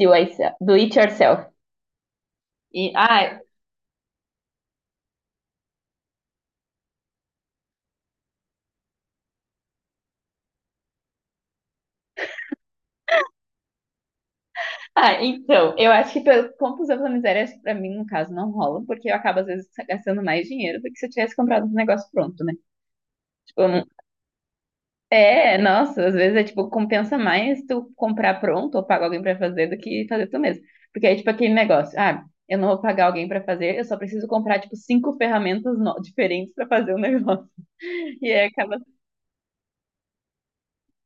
Do it yourself. E, então, eu acho que pelo compulsão pela miséria, acho que pra mim, no caso, não rola, porque eu acabo, às vezes, gastando mais dinheiro do que se eu tivesse comprado um negócio pronto, né? Tipo, eu não- é, nossa, às vezes é tipo, compensa mais tu comprar pronto ou pagar alguém pra fazer do que fazer tu mesmo. Porque aí, tipo, aquele negócio, eu não vou pagar alguém pra fazer, eu só preciso comprar, tipo, cinco ferramentas diferentes pra fazer o negócio. E aí acaba.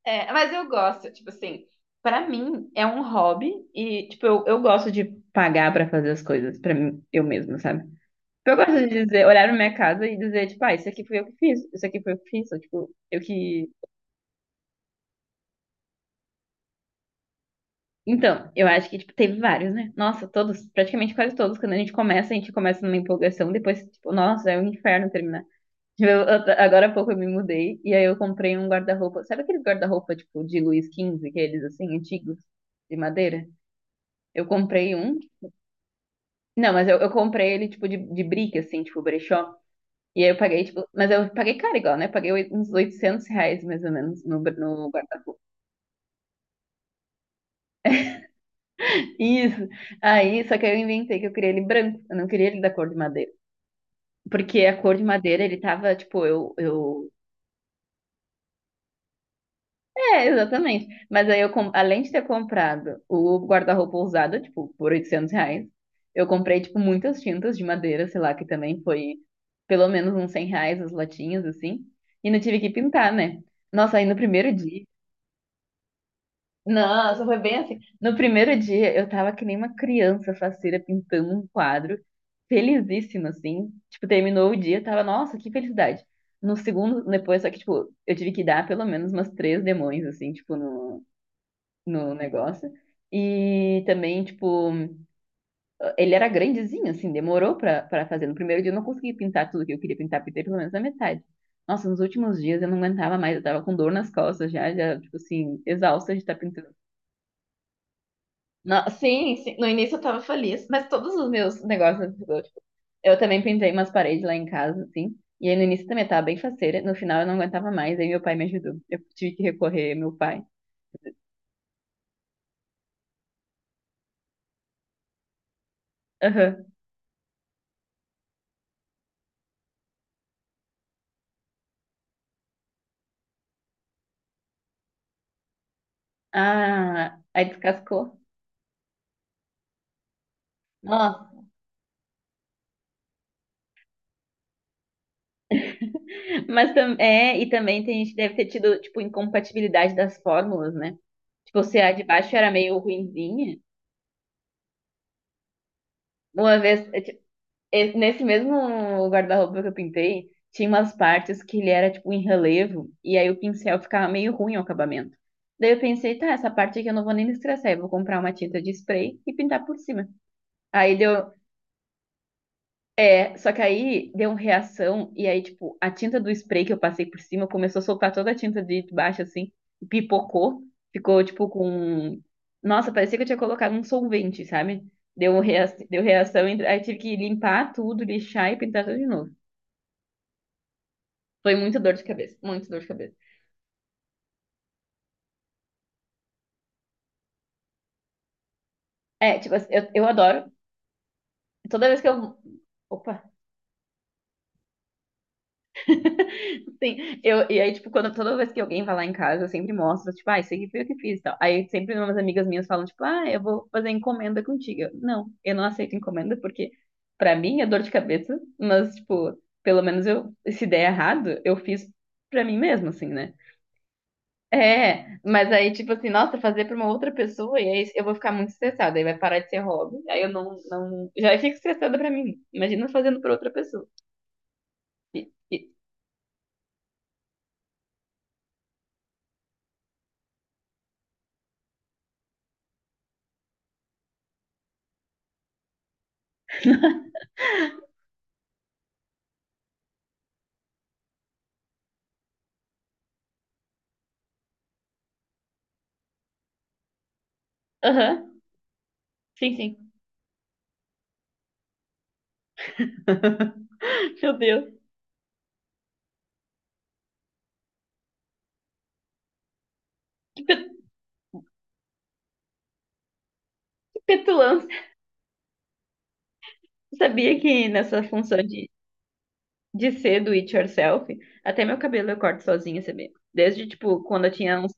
É, mas eu gosto, tipo assim, pra mim é um hobby e, tipo, eu gosto de pagar pra fazer as coisas pra mim, eu mesma, sabe? Eu gosto de dizer, olhar pra minha casa e dizer, tipo, isso aqui foi eu que fiz, isso aqui foi eu que fiz, ou, tipo, eu que. Então, eu acho que, tipo, teve vários, né? Nossa, todos, praticamente quase todos, quando a gente começa numa empolgação, depois, tipo, nossa, é um inferno terminar. Tipo, agora há pouco eu me mudei e aí eu comprei um guarda-roupa. Sabe aqueles guarda-roupa, tipo, de Luís XV, aqueles assim, antigos, de madeira? Eu comprei um. Não, mas eu comprei ele, tipo, de brick, assim, tipo, brechó. E aí eu paguei, tipo... Mas eu paguei caro igual, né? Paguei uns R$ 800, mais ou menos, no guarda-roupa. Isso. Aí, só que aí eu inventei que eu queria ele branco. Eu não queria ele da cor de madeira. Porque a cor de madeira, ele tava, tipo, eu. É, exatamente. Mas aí eu, além de ter comprado o guarda-roupa usado, tipo, por R$ 800, eu comprei, tipo, muitas tintas de madeira, sei lá, que também foi pelo menos uns R$ 100 as latinhas, assim. E não tive que pintar, né? Nossa, aí no primeiro dia. Nossa, foi bem assim. No primeiro dia eu tava que nem uma criança faceira pintando um quadro, felizíssima, assim. Tipo, terminou o dia, tava, nossa, que felicidade. No segundo, depois, só que, tipo, eu tive que dar pelo menos umas três demões, assim, tipo, no negócio. E também, tipo, ele era grandezinho, assim, demorou pra, pra fazer. No primeiro dia eu não consegui pintar tudo que eu queria pintar, pintei pelo menos na metade. Nossa, nos últimos dias eu não aguentava mais, eu tava com dor nas costas já, já, tipo assim, exausta de estar pintando. No- sim, sim, no início eu tava feliz, mas todos os meus negócios, tipo, eu também pintei umas paredes lá em casa, assim, e aí no início também eu tava bem faceira, no final eu não aguentava mais, aí meu pai me ajudou. Eu tive que recorrer ao meu pai. Aham. Ah, aí descascou. Nossa. Mas é, e também tem gente que deve ter tido, tipo, incompatibilidade das fórmulas, né? Tipo, se a de baixo era meio ruinzinha. Uma vez, é, nesse mesmo guarda-roupa que eu pintei, tinha umas partes que ele era, tipo, em relevo, e aí o pincel ficava meio ruim o acabamento. Daí eu pensei, tá, essa parte aqui eu não vou nem me estressar, eu vou comprar uma tinta de spray e pintar por cima. Aí deu. É, só que aí deu uma reação, e aí, tipo, a tinta do spray que eu passei por cima começou a soltar toda a tinta de baixo, assim, e pipocou. Ficou, tipo, com um... Nossa, parecia que eu tinha colocado um solvente, sabe? Deu uma deu reação, aí tive que limpar tudo, lixar e pintar tudo de novo. Foi muita dor de cabeça, muita dor de cabeça. É, tipo, assim, eu adoro. Toda vez que eu. Opa! Sim, eu, e aí, tipo, quando, toda vez que alguém vai lá em casa, eu sempre mostro, tipo, ah, isso aqui foi o que fiz e tal. Aí sempre umas amigas minhas falam, tipo, ah, eu vou fazer encomenda contigo. Eu não aceito encomenda porque, pra mim, é dor de cabeça, mas, tipo, pelo menos eu, se der errado, eu fiz pra mim mesmo, assim, né? É, mas aí, tipo assim, nossa, fazer pra uma outra pessoa, e aí eu vou ficar muito estressada, aí vai parar de ser hobby, aí eu não, não, já fico estressada pra mim. Imagina fazendo pra outra pessoa. E- e- Aham, sim, sim. Meu Deus, que petulância. Sabia que nessa função de ser do it yourself, até meu cabelo eu corto sozinha, sabia? Desde, tipo, quando eu tinha uns.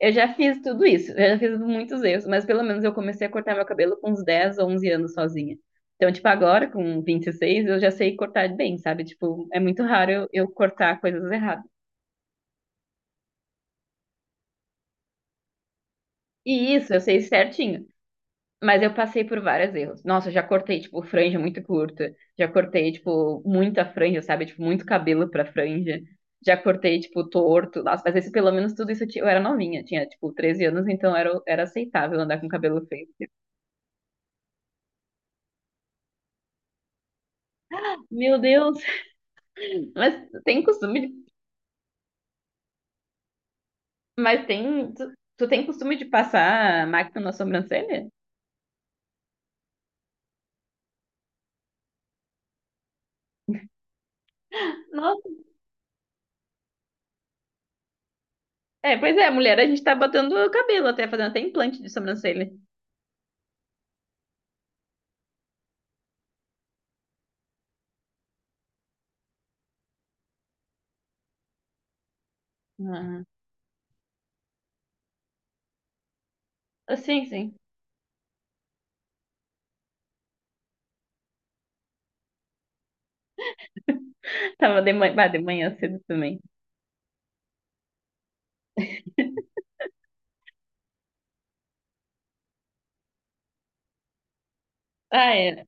Eu já fiz tudo isso, eu já fiz muitos erros, mas pelo menos eu comecei a cortar meu cabelo com uns 10 ou 11 anos sozinha. Então, tipo, agora, com 26 eu já sei cortar bem, sabe? Tipo, é muito raro eu cortar coisas erradas. E isso, eu sei certinho. Mas eu passei por vários erros. Nossa, eu já cortei, tipo, franja muito curta. Já cortei, tipo, muita franja, sabe? Tipo, muito cabelo pra franja. Já cortei, tipo, torto. Nossa, mas esse, pelo menos tudo isso eu, eu era novinha. Tinha, tipo, 13 anos, então era, era aceitável andar com cabelo feio. Meu Deus! Mas tu tem costume de... Mas tem... Tu, tu tem costume de passar máquina na sobrancelha? Nossa. É, pois é, mulher, a gente tá botando cabelo até, fazendo até implante de sobrancelha. Ah, sim, sim. Tava de manhã, bah, de manhã cedo também. Ah, é.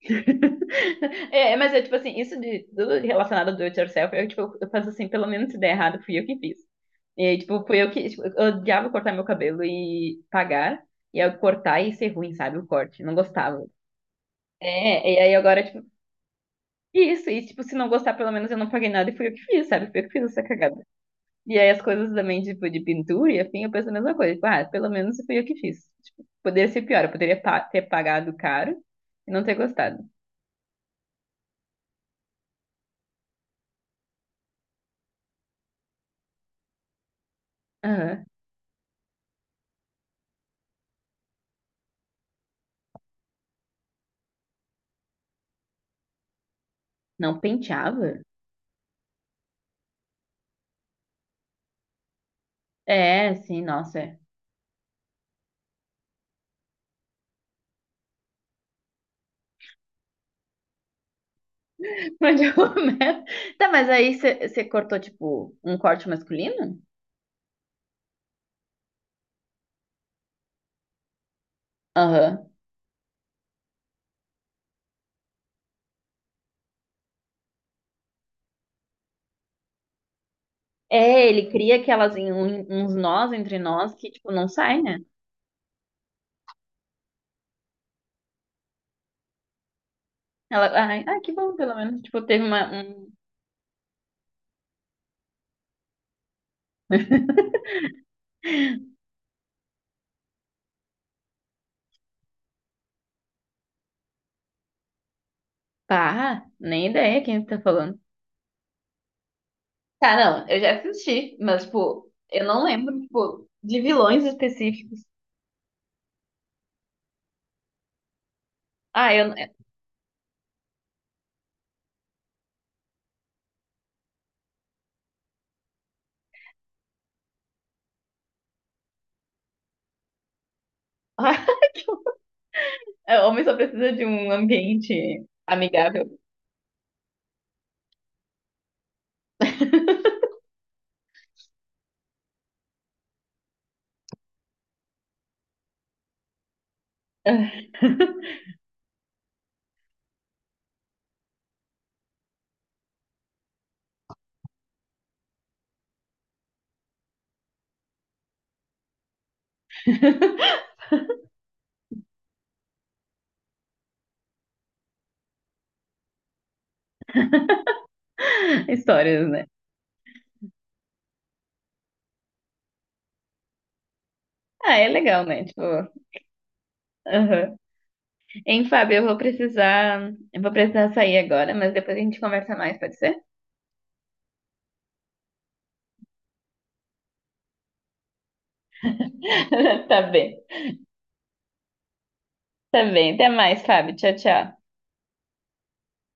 É, mas é tipo assim, isso de tudo relacionado ao do it yourself, eu, tipo, eu faço assim, pelo menos se der errado, fui eu que fiz. E aí, tipo, fui eu que, tipo, eu odiava cortar meu cabelo e pagar, e eu cortar e ser ruim, sabe, o corte, não gostava. É, e aí agora, tipo, isso, e tipo, se não gostar, pelo menos eu não paguei nada e fui eu que fiz, sabe, fui eu que fiz essa cagada. E aí as coisas também, tipo, de pintura e afim, eu penso a mesma coisa, tipo, ah, pelo menos fui eu que fiz. Tipo, poderia ser pior, eu poderia ter pagado caro e não ter gostado. Aham. Não penteava? É, sim, nossa. É. Mas eu começo- Tá, mas aí você cortou, tipo, um corte masculino? Aham. É, ele cria aquelas, uns nós entre nós que, tipo, não sai, né? Ela, ai, que bom, pelo menos, tipo, teve uma, um... Pá, nem ideia quem tá falando. Tá, não, eu já assisti, mas, tipo, eu não lembro, tipo, de vilões específicos. Ah, eu... O homem só precisa de um ambiente amigável. Histórias, né? Ah, é legal, né? Tipo, aham. Hein, Fábio, eu vou precisar sair agora, mas depois a gente conversa mais, pode ser? Tá bem. Tá bem. Até mais, Fábio. Tchau, tchau.